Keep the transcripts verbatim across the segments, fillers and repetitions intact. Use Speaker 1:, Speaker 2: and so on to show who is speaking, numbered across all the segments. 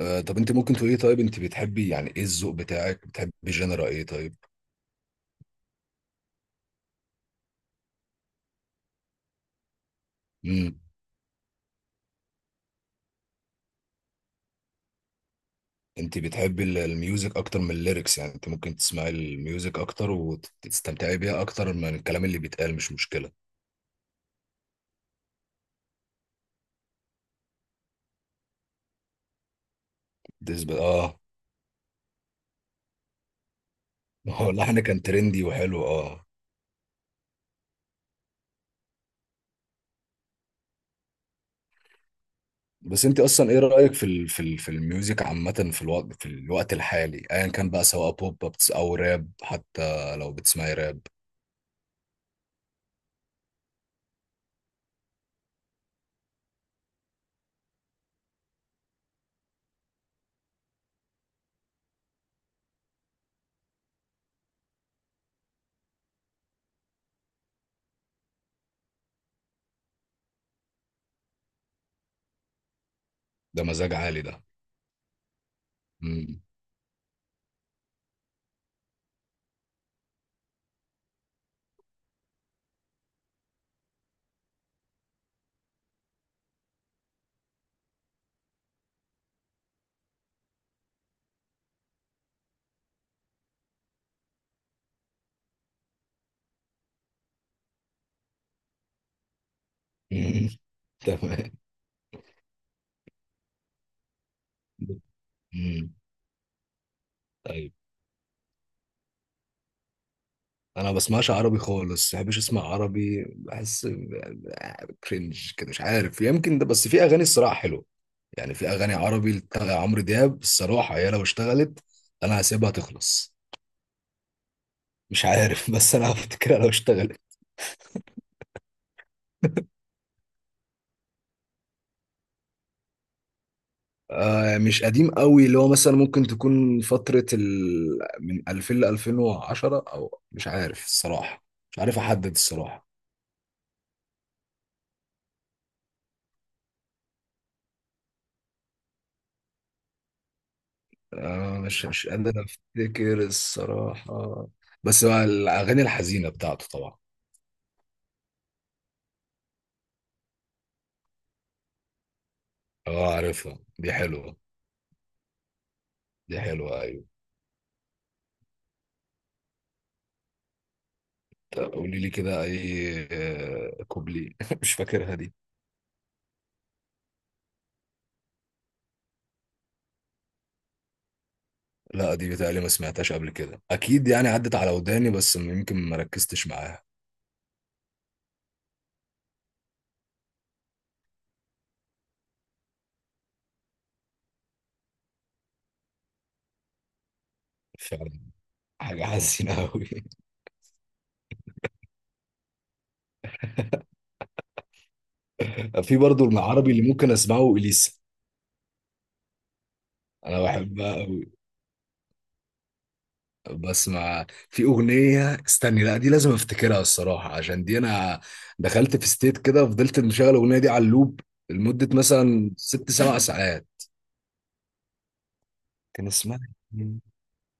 Speaker 1: آه طب انت ممكن تقولي، طيب انت بتحبي، يعني ايه الذوق بتاعك؟ بتحبي جنرا ايه طيب؟ امم. انت بتحبي ال- الميوزك اكتر من الليركس، يعني انت ممكن تسمعي الميوزك اكتر وتستمتعي بيها اكتر من الكلام اللي بيتقال، مش مشكلة. بالنسبة اه. ما هو اللحن كان ترندي وحلو، اه. بس انت اصلا ايه رأيك في ال... في ال... في الميوزك عامة، في الوقت في الوقت الحالي، ايا كان بقى، سواء بوب، بتس- او راب، حتى لو بتسمعي راب؟ ده مزاج عالي ده. امم. تمام. امم. طيب، انا ما بسمعش عربي خالص، ما بحبش اسمع عربي، بحس ب- كرنج كده، مش عارف، يمكن ده. بس في اغاني الصراحه حلوه، يعني في اغاني عربي بتاع عمرو دياب الصراحه، هي لو اشتغلت، انا هسيبها تخلص. مش عارف. بس انا هفتكرها لو اشتغلت. آه، مش قديم قوي، اللي هو مثلا ممكن تكون فتره ال... من ألفين ل ألفين وعشرة، او مش عارف الصراحه. مش عارف احدد الصراحه. آه، مش مش قادر افتكر الصراحه. بس هو الاغاني الحزينه بتاعته طبعا. اه، عارفها، دي حلوة. دي حلوة، ايوه. طب قولي لي كده اي، آه، كوبلي. مش فاكرها دي. لا، دي بتهيألي ما سمعتهاش قبل كده اكيد، يعني عدت على وداني بس يمكن ما ركزتش معاها. فعلا. حاجة حزينة قوي. في برضو العربي اللي ممكن اسمعه اليسا. انا بحبها قوي. بس ما في اغنية استني، لا دي لازم افتكرها الصراحة، عشان دي انا دخلت في ستيت كده، فضلت مشغل الاغنية دي على اللوب لمدة مثلا ست سبع ساعات. كان اسمها إيه؟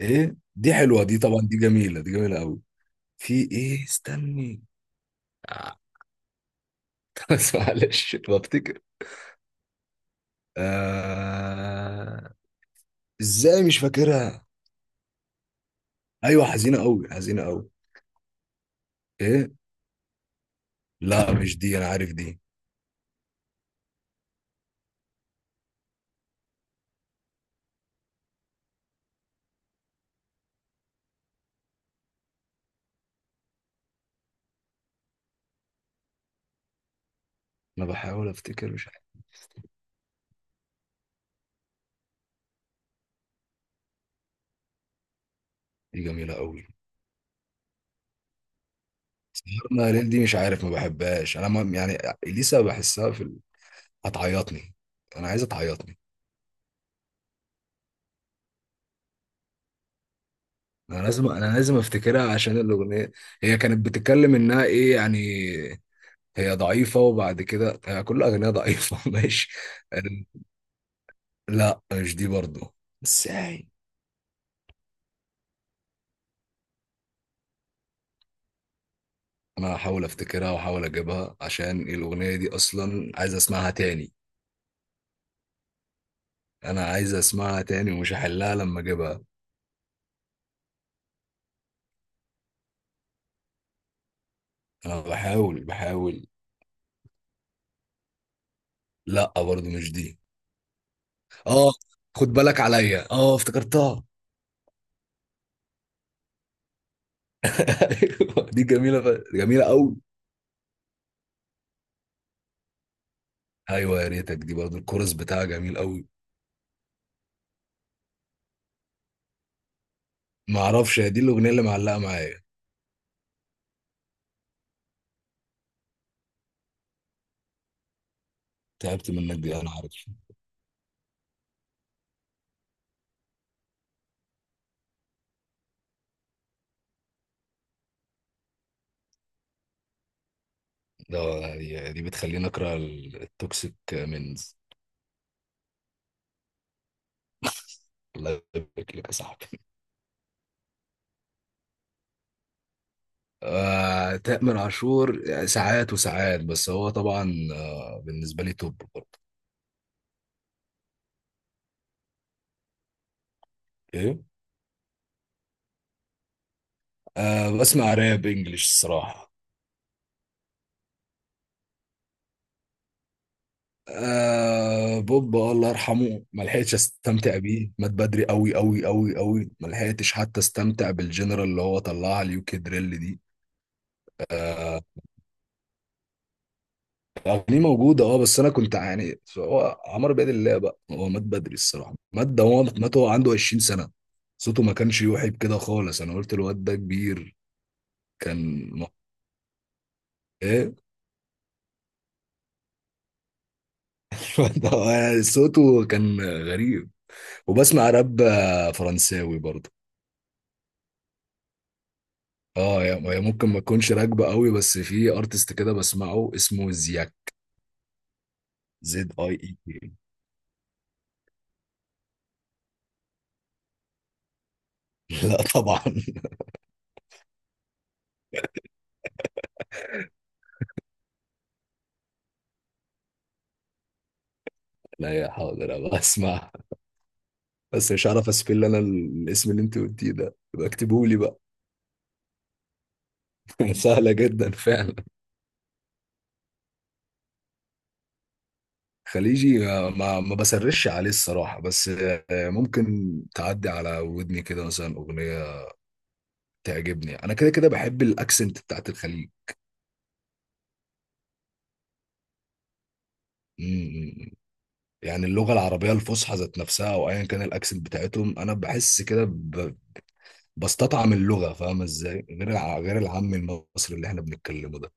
Speaker 1: ايه، دي حلوه دي طبعا، دي جميله، دي جميله قوي. في ايه استني؟ آه، بس معلش بفتكر. آه... ازاي مش فاكرها؟ ايوه، حزينه قوي، حزينه قوي. ايه؟ لا، مش دي، انا عارف دي. انا بحاول افتكر، مش عارف. دي جميله قوي. سهرنا ليل دي مش عارف، ما بحبهاش انا، ما يعني، اليسا بحسها في ال... هتعيطني. انا عايزه تعيطني. انا لازم انا لازم افتكرها عشان الاغنيه، هي كانت بتتكلم انها ايه يعني، هي ضعيفة وبعد كده هي كل أغنية ضعيفة. ماشي. لا، مش دي برضو. ازاي؟ أنا هحاول أفتكرها وأحاول أجيبها، عشان الأغنية دي أصلا عايز أسمعها تاني. أنا عايز أسمعها تاني ومش هحلها لما أجيبها. أنا بحاول بحاول. لا، برضو مش دي. آه، خد بالك عليا، آه افتكرتها! أيوة، دي جميلة ف... جميلة أوي. أيوة، يا ريتك. دي برضو الكورس بتاعها جميل أوي. معرفش هي دي الأغنية اللي معلقة معايا. تعبت منك، دي أنا عارف ده. دي دي بتخليني اكره ال- التوكسيك منز. الله يبارك لك يا صاحبي. آه، تامر عاشور يعني ساعات وساعات، بس هو طبعا آه، بالنسبه لي توب برضه. ايه؟ آه، بسمع راب انجلش الصراحه. آه، بوب، آه، الله يرحمه، ما لحقتش استمتع بيه، مات بدري قوي قوي قوي قوي، ما لحقتش حتى استمتع بالجنرال اللي هو طلعها اليوكي دريل دي. آه، اغانيه موجوده، اه، بس انا كنت يعني، هو عمرو بيد الله بقى، هو مات بدري الصراحه، مات ده، هو مات وهو عنده عشرين سنة سنه، صوته ما كانش يوحي بكده خالص، انا قلت الواد ده كبير. كان م- ايه؟ الواد ده هو يعني صوته كان غريب. وبسمع راب فرنساوي برضه. اه، يا- هي ممكن ما تكونش راكبه قوي، بس في ارتست كده بسمعه اسمه زياك. زد اي اي كي. لا طبعا. لا، يا حاضر أبقى اسمع. بس مش عارف اسبل انا الاسم اللي انت قلتيه ده، بكتبه لي بقى. سهلة جدا فعلا. خليجي، آه، ما ما بسرش عليه الصراحة، بس آه، ممكن تعدي على ودني كده، مثلا أغنية تعجبني. أنا كده كده بحب الأكسنت بتاعت الخليج. مم. يعني اللغة العربية الفصحى ذات نفسها أو أيا كان الأكسنت بتاعتهم، أنا بحس كده ب... بستطعم اللغة، فاهم إزاي؟ غير الع... غير العام المصري اللي إحنا بنتكلمه ده.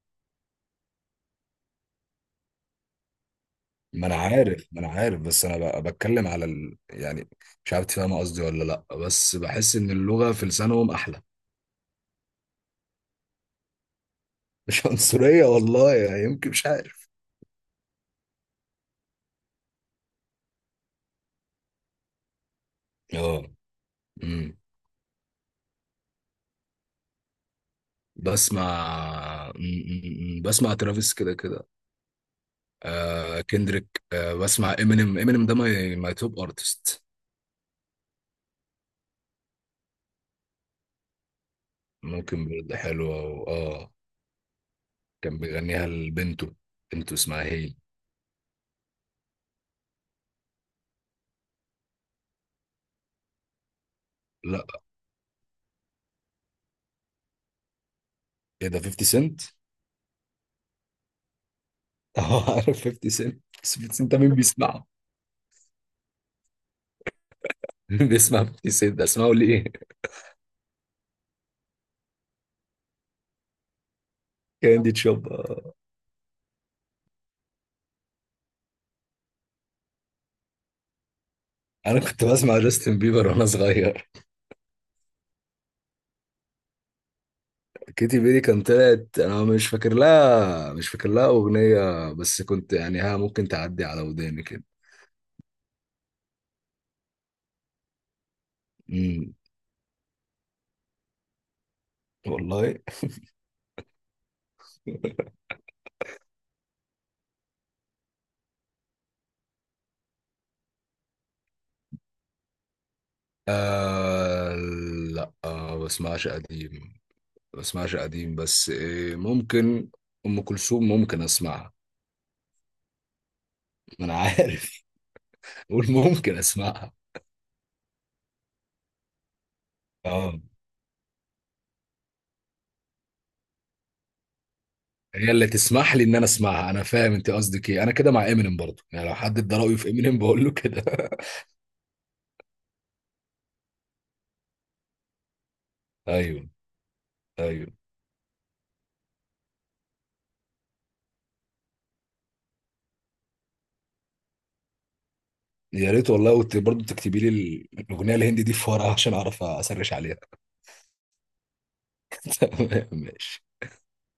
Speaker 1: ما أنا عارف ما أنا عارف، بس أنا ب... بتكلم على ال... يعني، مش عارف تفهم قصدي ولا لأ، بس بحس إن اللغة في لسانهم أحلى. مش عنصرية والله، يعني يمكن، مش عارف. اه. امم. بسمع امم، امم، بسمع ترافيس كده كده. آه، كندريك، آه بسمع امينيم. امينيم ده ماي ماي توب ارتست. ممكن برضه حلوة، و- اه. كان بيغنيها لبنته، بنته اسمها هي... لا، ايه ده، 50 سنت؟ اه، عارف 50 سنت، بس 50 سنت ده مين بيسمعه؟ مين بيسمع 50 سنت ده؟ اسمعه ليه؟ كاندي تشوب، آه. انا كنت بسمع جاستن بيبر وانا صغير. كيتي بيري كان طلعت، انا مش فاكر لها مش فاكر لها اغنيه، بس كنت يعني، ها، ممكن تعدي على وداني كده. امم. والله. آه. لا، آه بسمعش قديم. بسمعش قديم، بس إيه، ممكن ام كلثوم ممكن اسمعها. ما انا عارف. قول ممكن اسمعها. اه. هي اللي تسمح لي ان انا اسمعها، انا فاهم انت قصدك ايه، انا كده مع امينيم برضو، يعني لو حد ادى رايه في امينيم بقول له كده. ايوه. ايوه. يا ريت والله، وت- برضه تكتبي لي ال- الاغنيه الهندي دي في ورقه عشان اعرف اسرش عليها. ماشي.